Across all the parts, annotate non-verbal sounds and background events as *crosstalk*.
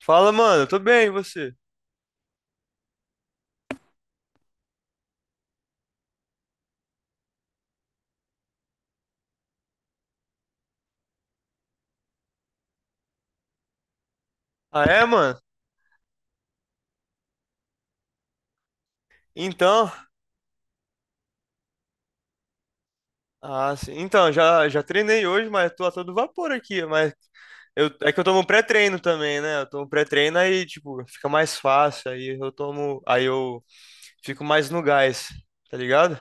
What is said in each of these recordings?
Fala, mano, tô bem, e você? Ah, é, mano? Então, ah, sim. Então, já treinei hoje, mas tô a todo vapor aqui, mas é que eu tomo pré-treino também, né? Eu tomo pré-treino aí, tipo, fica mais fácil, aí eu fico mais no gás, tá ligado?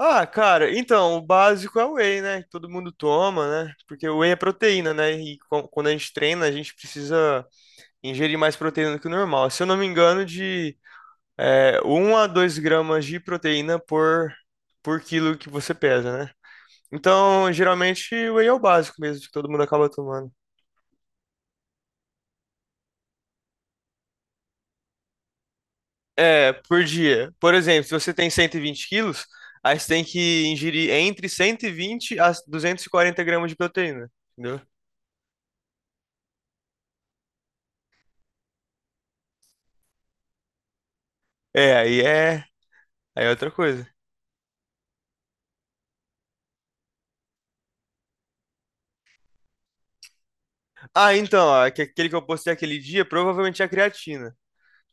Ah, cara, então, o básico é o whey, né? Que todo mundo toma, né? Porque o whey é proteína, né? E quando a gente treina, a gente precisa ingerir mais proteína do que o normal. Se eu não me engano, de 1 a 2 gramas de proteína por quilo que você pesa, né? Então, geralmente, o whey é o básico mesmo, que todo mundo acaba tomando. É, por dia. Por exemplo, se você tem 120 quilos, aí você tem que ingerir entre 120 a 240 gramas de proteína, entendeu? É, aí é outra coisa. Ah, então, ó, aquele que eu postei aquele dia provavelmente é a creatina.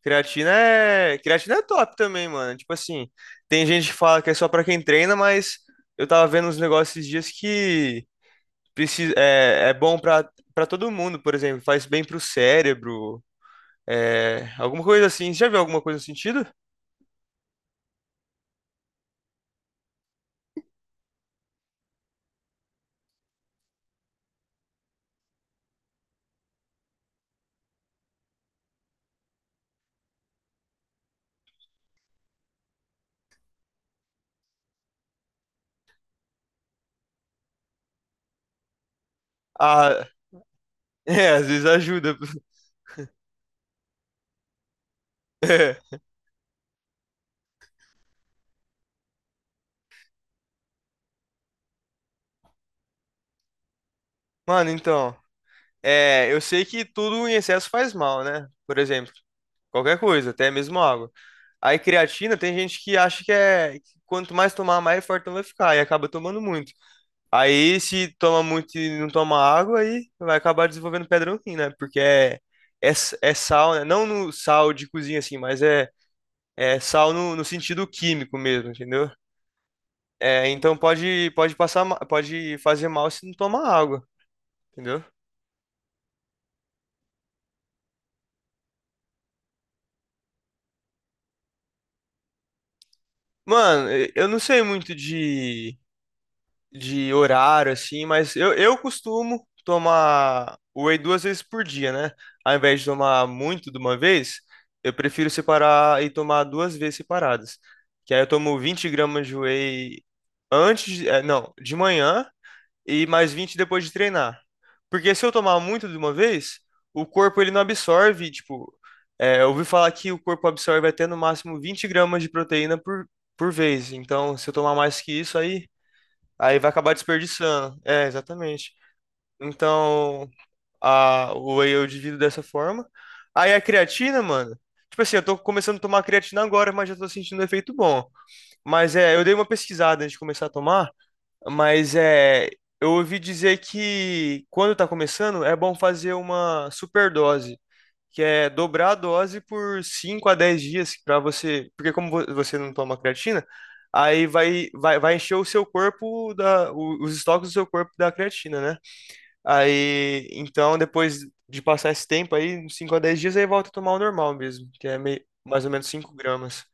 Creatina é top também, mano. Tipo assim, tem gente que fala que é só pra quem treina, mas eu tava vendo uns negócios esses dias que é bom pra todo mundo, por exemplo, faz bem pro cérebro, alguma coisa assim. Você já viu alguma coisa no sentido? Ah, *laughs* é, às vezes ajuda. *laughs* É. Mano, então, eu sei que tudo em excesso faz mal, né? Por exemplo, qualquer coisa, até mesmo água. Aí creatina, tem gente que acha que que quanto mais tomar, mais fortão vai ficar e acaba tomando muito. Aí, se toma muito e não toma água, aí vai acabar desenvolvendo pedra no rim, né? Porque é sal, né? Não no sal de cozinha, assim, mas é sal no sentido químico mesmo, entendeu? É, então pode passar, pode fazer mal se não tomar água, entendeu? Mano, eu não sei muito de horário, assim, mas eu costumo tomar whey 2 vezes por dia, né? Ao invés de tomar muito de uma vez, eu prefiro separar e tomar 2 vezes separadas. Que aí eu tomo 20 gramas de whey antes, não, de manhã e mais 20 depois de treinar. Porque se eu tomar muito de uma vez, o corpo ele não absorve, tipo, eu ouvi falar que o corpo absorve até no máximo 20 gramas de proteína por vez. Então, se eu tomar mais que isso, aí vai acabar desperdiçando. É, exatamente. Então, o whey eu divido dessa forma. Aí a creatina, mano. Tipo assim, eu tô começando a tomar creatina agora, mas já tô sentindo um efeito bom. Mas eu dei uma pesquisada antes de começar a tomar, mas eu ouvi dizer que quando tá começando, é bom fazer uma superdose que é dobrar a dose por 5 a 10 dias para você, porque como você não toma creatina, aí vai encher o seu corpo os estoques do seu corpo da creatina, né? Aí, então depois de passar esse tempo aí, uns 5 a dez dias, aí volta a tomar o normal mesmo, que é meio, mais ou menos 5 gramas.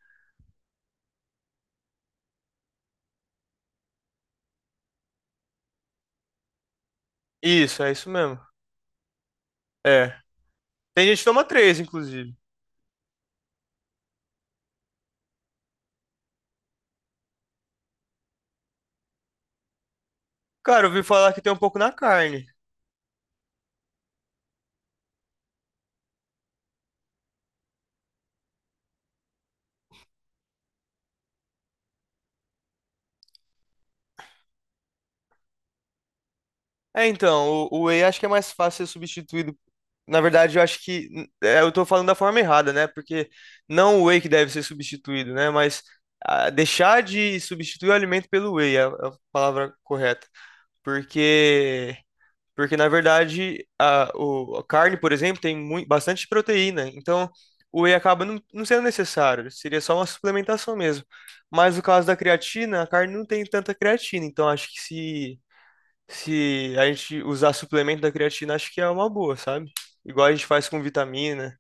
Isso, é isso mesmo. É. Tem gente que toma 3, inclusive. Cara, eu ouvi falar que tem um pouco na carne. É, então, o whey acho que é mais fácil ser substituído. Na verdade, eu acho que eu tô falando da forma errada, né? Porque não o whey que deve ser substituído, né? Mas deixar de substituir o alimento pelo whey é a palavra correta. Porque, porque na verdade, a carne, por exemplo, tem muito, bastante proteína. Então, o whey acaba não sendo necessário. Seria só uma suplementação mesmo. Mas no caso da creatina, a carne não tem tanta creatina. Então, acho que se a gente usar suplemento da creatina, acho que é uma boa, sabe? Igual a gente faz com vitamina.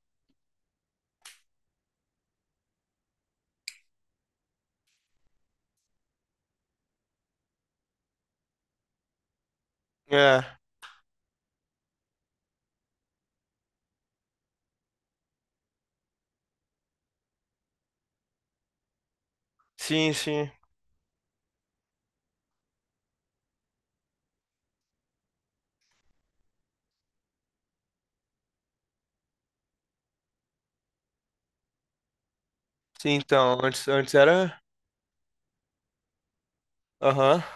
É, sim, sim. Sim, então, antes era. Aham. *laughs*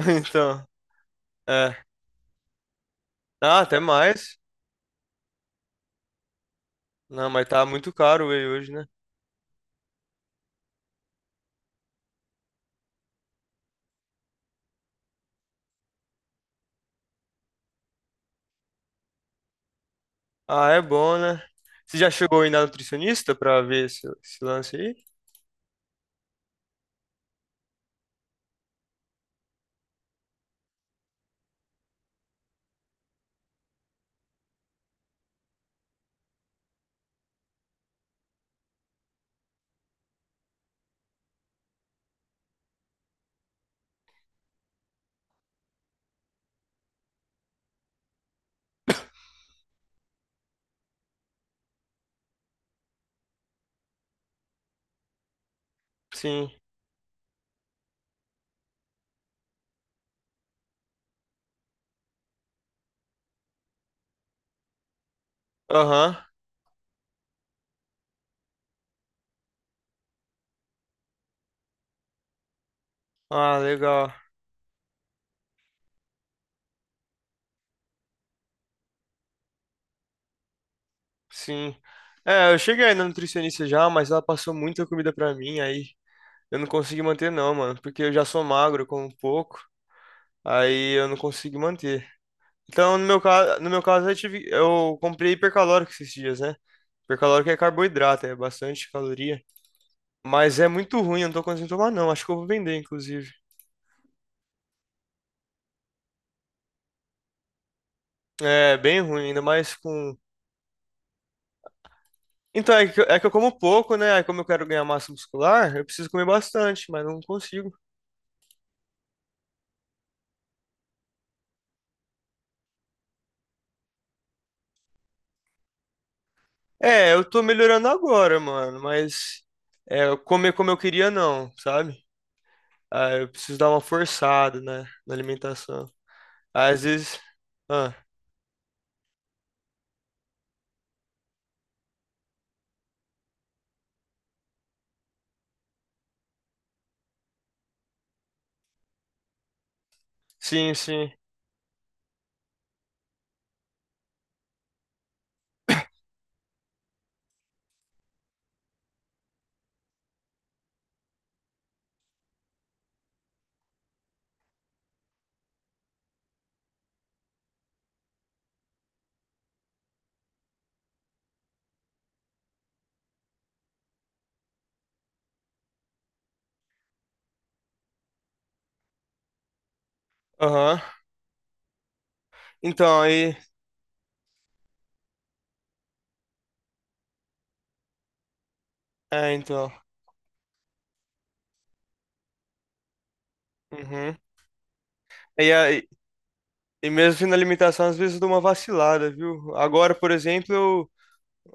Então, é. Ah, até mais. Não, mas tá muito caro o whey hoje, né? Ah, é bom, né? Você já chegou aí na nutricionista pra ver esse lance aí? Sim. Aham. Ah, legal. Sim. É, eu cheguei aí na nutricionista já, mas ela passou muita comida pra mim, aí eu não consegui manter não, mano, porque eu já sou magro, eu como pouco, aí eu não consigo manter. Então, no meu caso eu comprei hipercalórico esses dias, né? Hipercalórico é carboidrato, é bastante caloria, mas é muito ruim, eu não tô conseguindo tomar não, acho que eu vou vender, inclusive. É bem ruim, ainda mais com. Então, é que eu como pouco, né? Aí como eu quero ganhar massa muscular, eu preciso comer bastante, mas não consigo. É, eu tô melhorando agora, mano, mas eu comer como eu queria não, sabe? Ah, eu preciso dar uma forçada, né, na alimentação. Às vezes. Ah, sim, sim. Aham. Então, aí. É, então. Uhum. E, aí, e mesmo na alimentação, às vezes eu dou uma vacilada, viu? Agora, por exemplo, eu,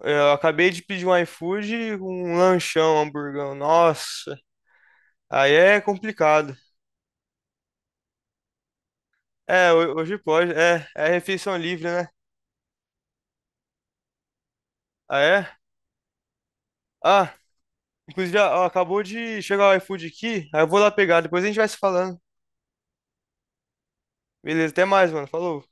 eu acabei de pedir um iFood com um lanchão, um hamburgão. Nossa, aí é complicado. É, hoje pode. É refeição livre, né? Ah, é? Ah, inclusive, ó, acabou de chegar o iFood aqui. Aí eu vou lá pegar, depois a gente vai se falando. Beleza, até mais, mano. Falou.